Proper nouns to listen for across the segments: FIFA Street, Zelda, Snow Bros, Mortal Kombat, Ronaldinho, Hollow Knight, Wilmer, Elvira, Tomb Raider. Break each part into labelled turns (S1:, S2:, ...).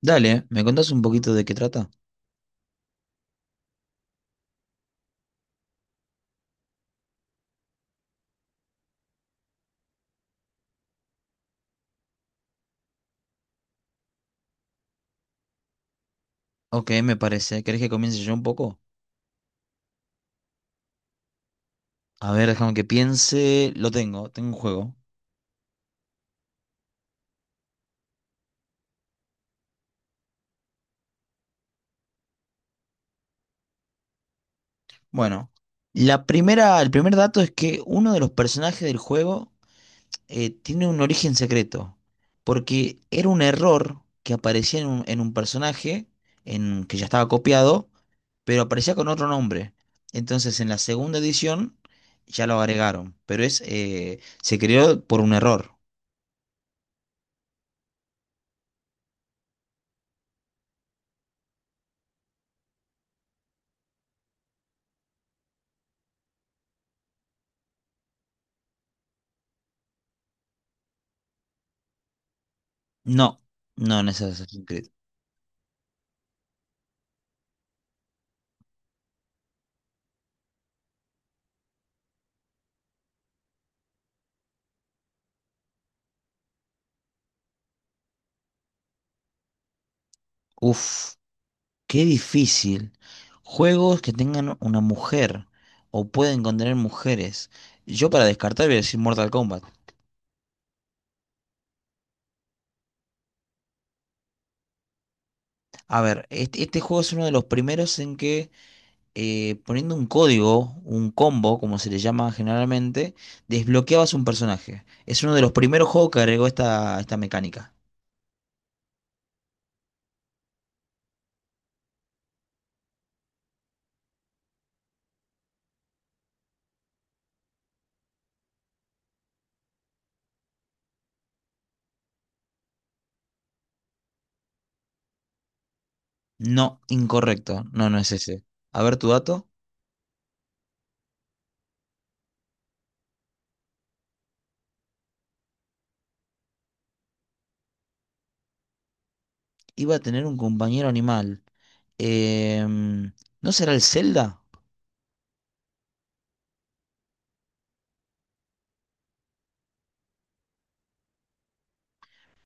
S1: Dale, ¿me contás un poquito de qué trata? Ok, me parece. ¿Querés que comience yo un poco? A ver, déjame que piense. Lo tengo, tengo un juego. Bueno, el primer dato es que uno de los personajes del juego tiene un origen secreto, porque era un error que aparecía en un personaje en, que ya estaba copiado, pero aparecía con otro nombre. Entonces, en la segunda edición ya lo agregaron, pero es se creó por un error. No, no, no es así. Uf, qué difícil. Juegos que tengan una mujer o pueden contener mujeres. Yo para descartar voy a decir Mortal Kombat. A ver, este juego es uno de los primeros en que poniendo un código, un combo, como se le llama generalmente, desbloqueabas un personaje. Es uno de los primeros juegos que agregó esta mecánica. No, incorrecto. No, no es ese. A ver tu dato. Iba a tener un compañero animal. Em, ¿No será el Zelda?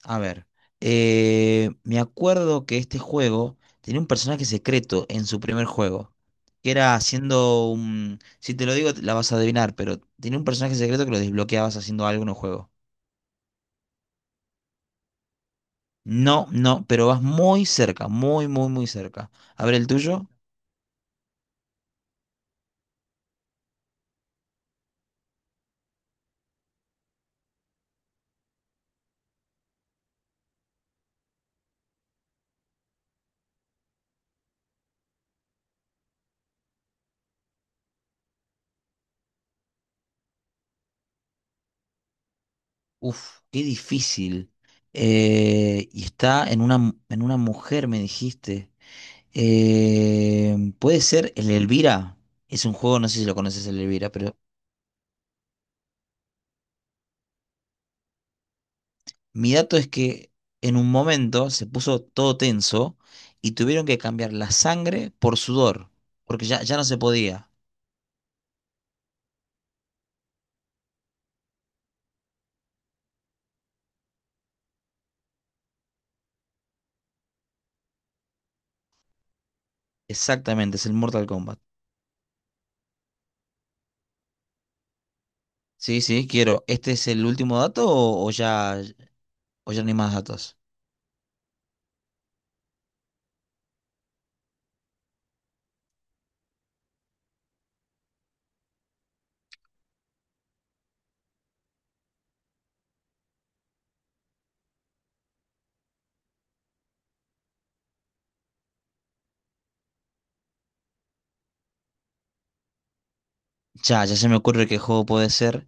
S1: A ver, me acuerdo que este juego tenía un personaje secreto en su primer juego, que era haciendo un... Si te lo digo, la vas a adivinar, pero tenía un personaje secreto que lo desbloqueabas haciendo algo en un juego. No, no, pero vas muy cerca, muy, muy, muy cerca. A ver, el tuyo. Uf, qué difícil. Y está en una, mu- en una mujer, me dijiste. ¿Puede ser el Elvira? Es un juego, no sé si lo conoces, el Elvira, pero... Mi dato es que en un momento se puso todo tenso y tuvieron que cambiar la sangre por sudor, porque ya no se podía. Exactamente, es el Mortal Kombat. Sí, sí, quiero. ¿Este es el último dato o o ya no hay más datos? Ya se me ocurre qué juego puede ser.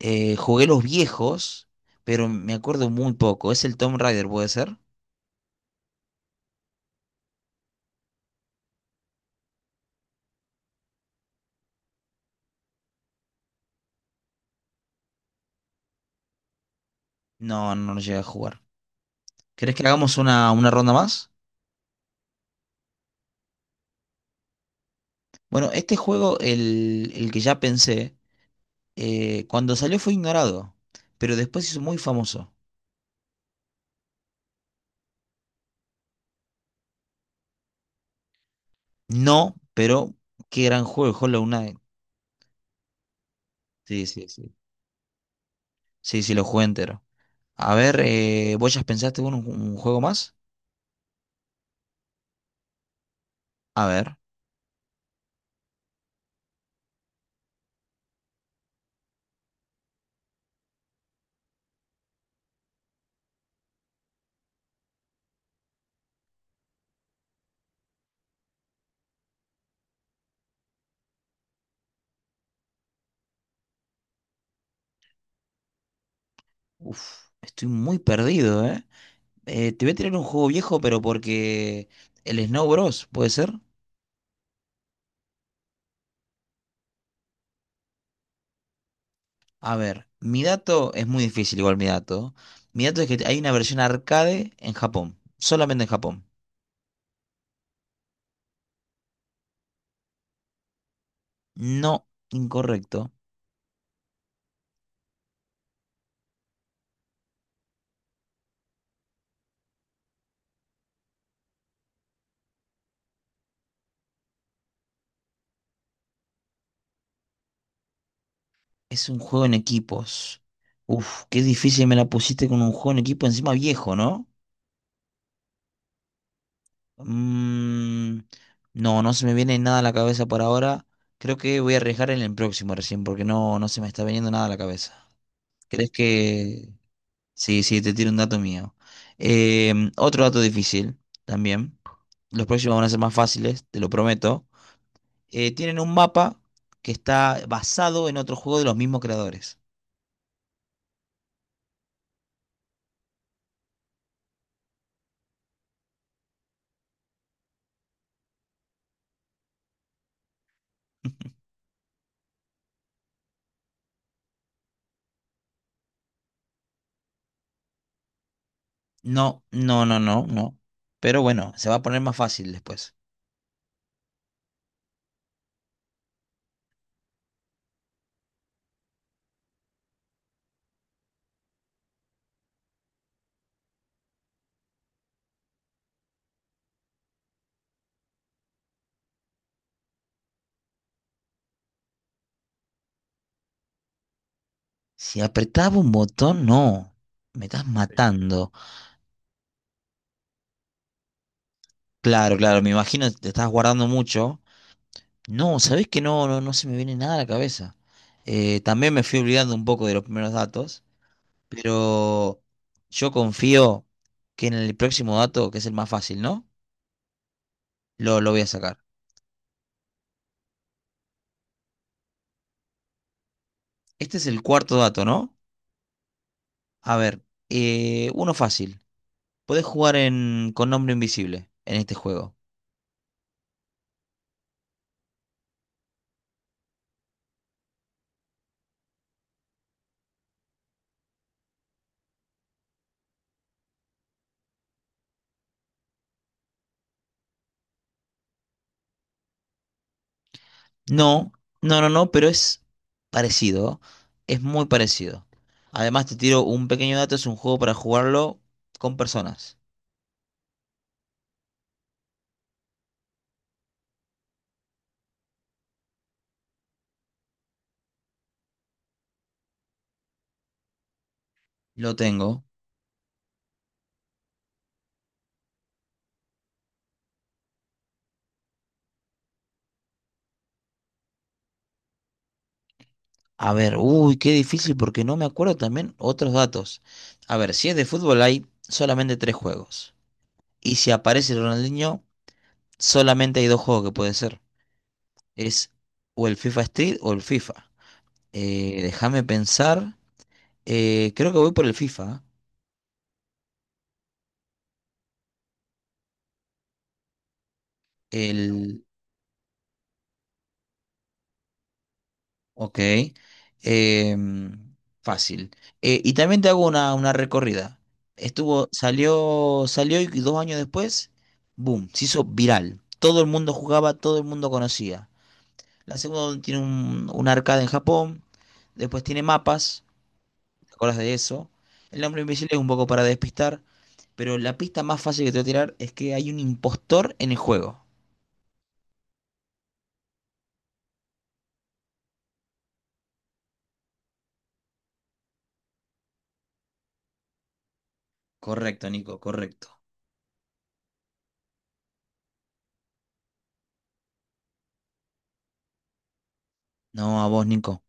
S1: Jugué los viejos, pero me acuerdo muy poco. ¿Es el Tomb Raider, puede ser? No, no lo llegué a jugar. ¿Querés que hagamos una ronda más? Bueno, este juego, el que ya pensé. Eh, cuando salió fue ignorado, pero después se hizo muy famoso. No, pero qué gran juego, Hollow Knight. Sí, sí, sí. Sí, sí, lo jugué entero. A ver, ¿vos ya pensaste en un juego más? A ver. Uf, estoy muy perdido, ¿eh? Te voy a tirar un juego viejo, pero porque el Snow Bros, ¿puede ser? A ver, mi dato es muy difícil, igual mi dato. Mi dato es que hay una versión arcade en Japón, solamente en Japón. No, incorrecto. Es un juego en equipos. Uf, qué difícil me la pusiste con un juego en equipo encima viejo, ¿no? Mm, no, no se me viene nada a la cabeza por ahora. Creo que voy a arriesgar en el próximo recién porque no, no se me está viniendo nada a la cabeza. ¿Crees que...? Sí, sí, te tiro un dato mío. Otro dato difícil también. Los próximos van a ser más fáciles, te lo prometo. Tienen un mapa que está basado en otro juego de los mismos creadores. No, no, no, no, no. Pero bueno, se va a poner más fácil después. Si apretaba un botón, no. Me estás sí matando. Claro, claro, me imagino te estás guardando mucho. No, ¿sabés que no, no, no se me viene nada a la cabeza? También me fui olvidando un poco de los primeros datos, pero yo confío que en el próximo dato, que es el más fácil, ¿no? Lo voy a sacar. Este es el cuarto dato, ¿no? A ver, uno fácil. Podés jugar en, con nombre invisible en este juego. No, no, no, no, pero es parecido. Es muy parecido. Además, te tiro un pequeño dato, es un juego para jugarlo con personas. Lo tengo. A ver, uy, qué difícil porque no me acuerdo también otros datos. A ver, si es de fútbol hay solamente 3 juegos. Y si aparece Ronaldinho, solamente hay 2 juegos que puede ser. Es o el FIFA Street o el FIFA. Déjame pensar. Creo que voy por el FIFA. ¿Eh? El ok. Em, fácil. Y también te hago una recorrida. Estuvo, salió y 2 años después, boom, se hizo viral. Todo el mundo jugaba, todo el mundo conocía. La segunda tiene un arcade en Japón, después tiene mapas, ¿te acuerdas de eso? El hombre invisible es un poco para despistar, pero la pista más fácil que te voy a tirar es que hay un impostor en el juego. Correcto, Nico, correcto. No, a vos, Nico.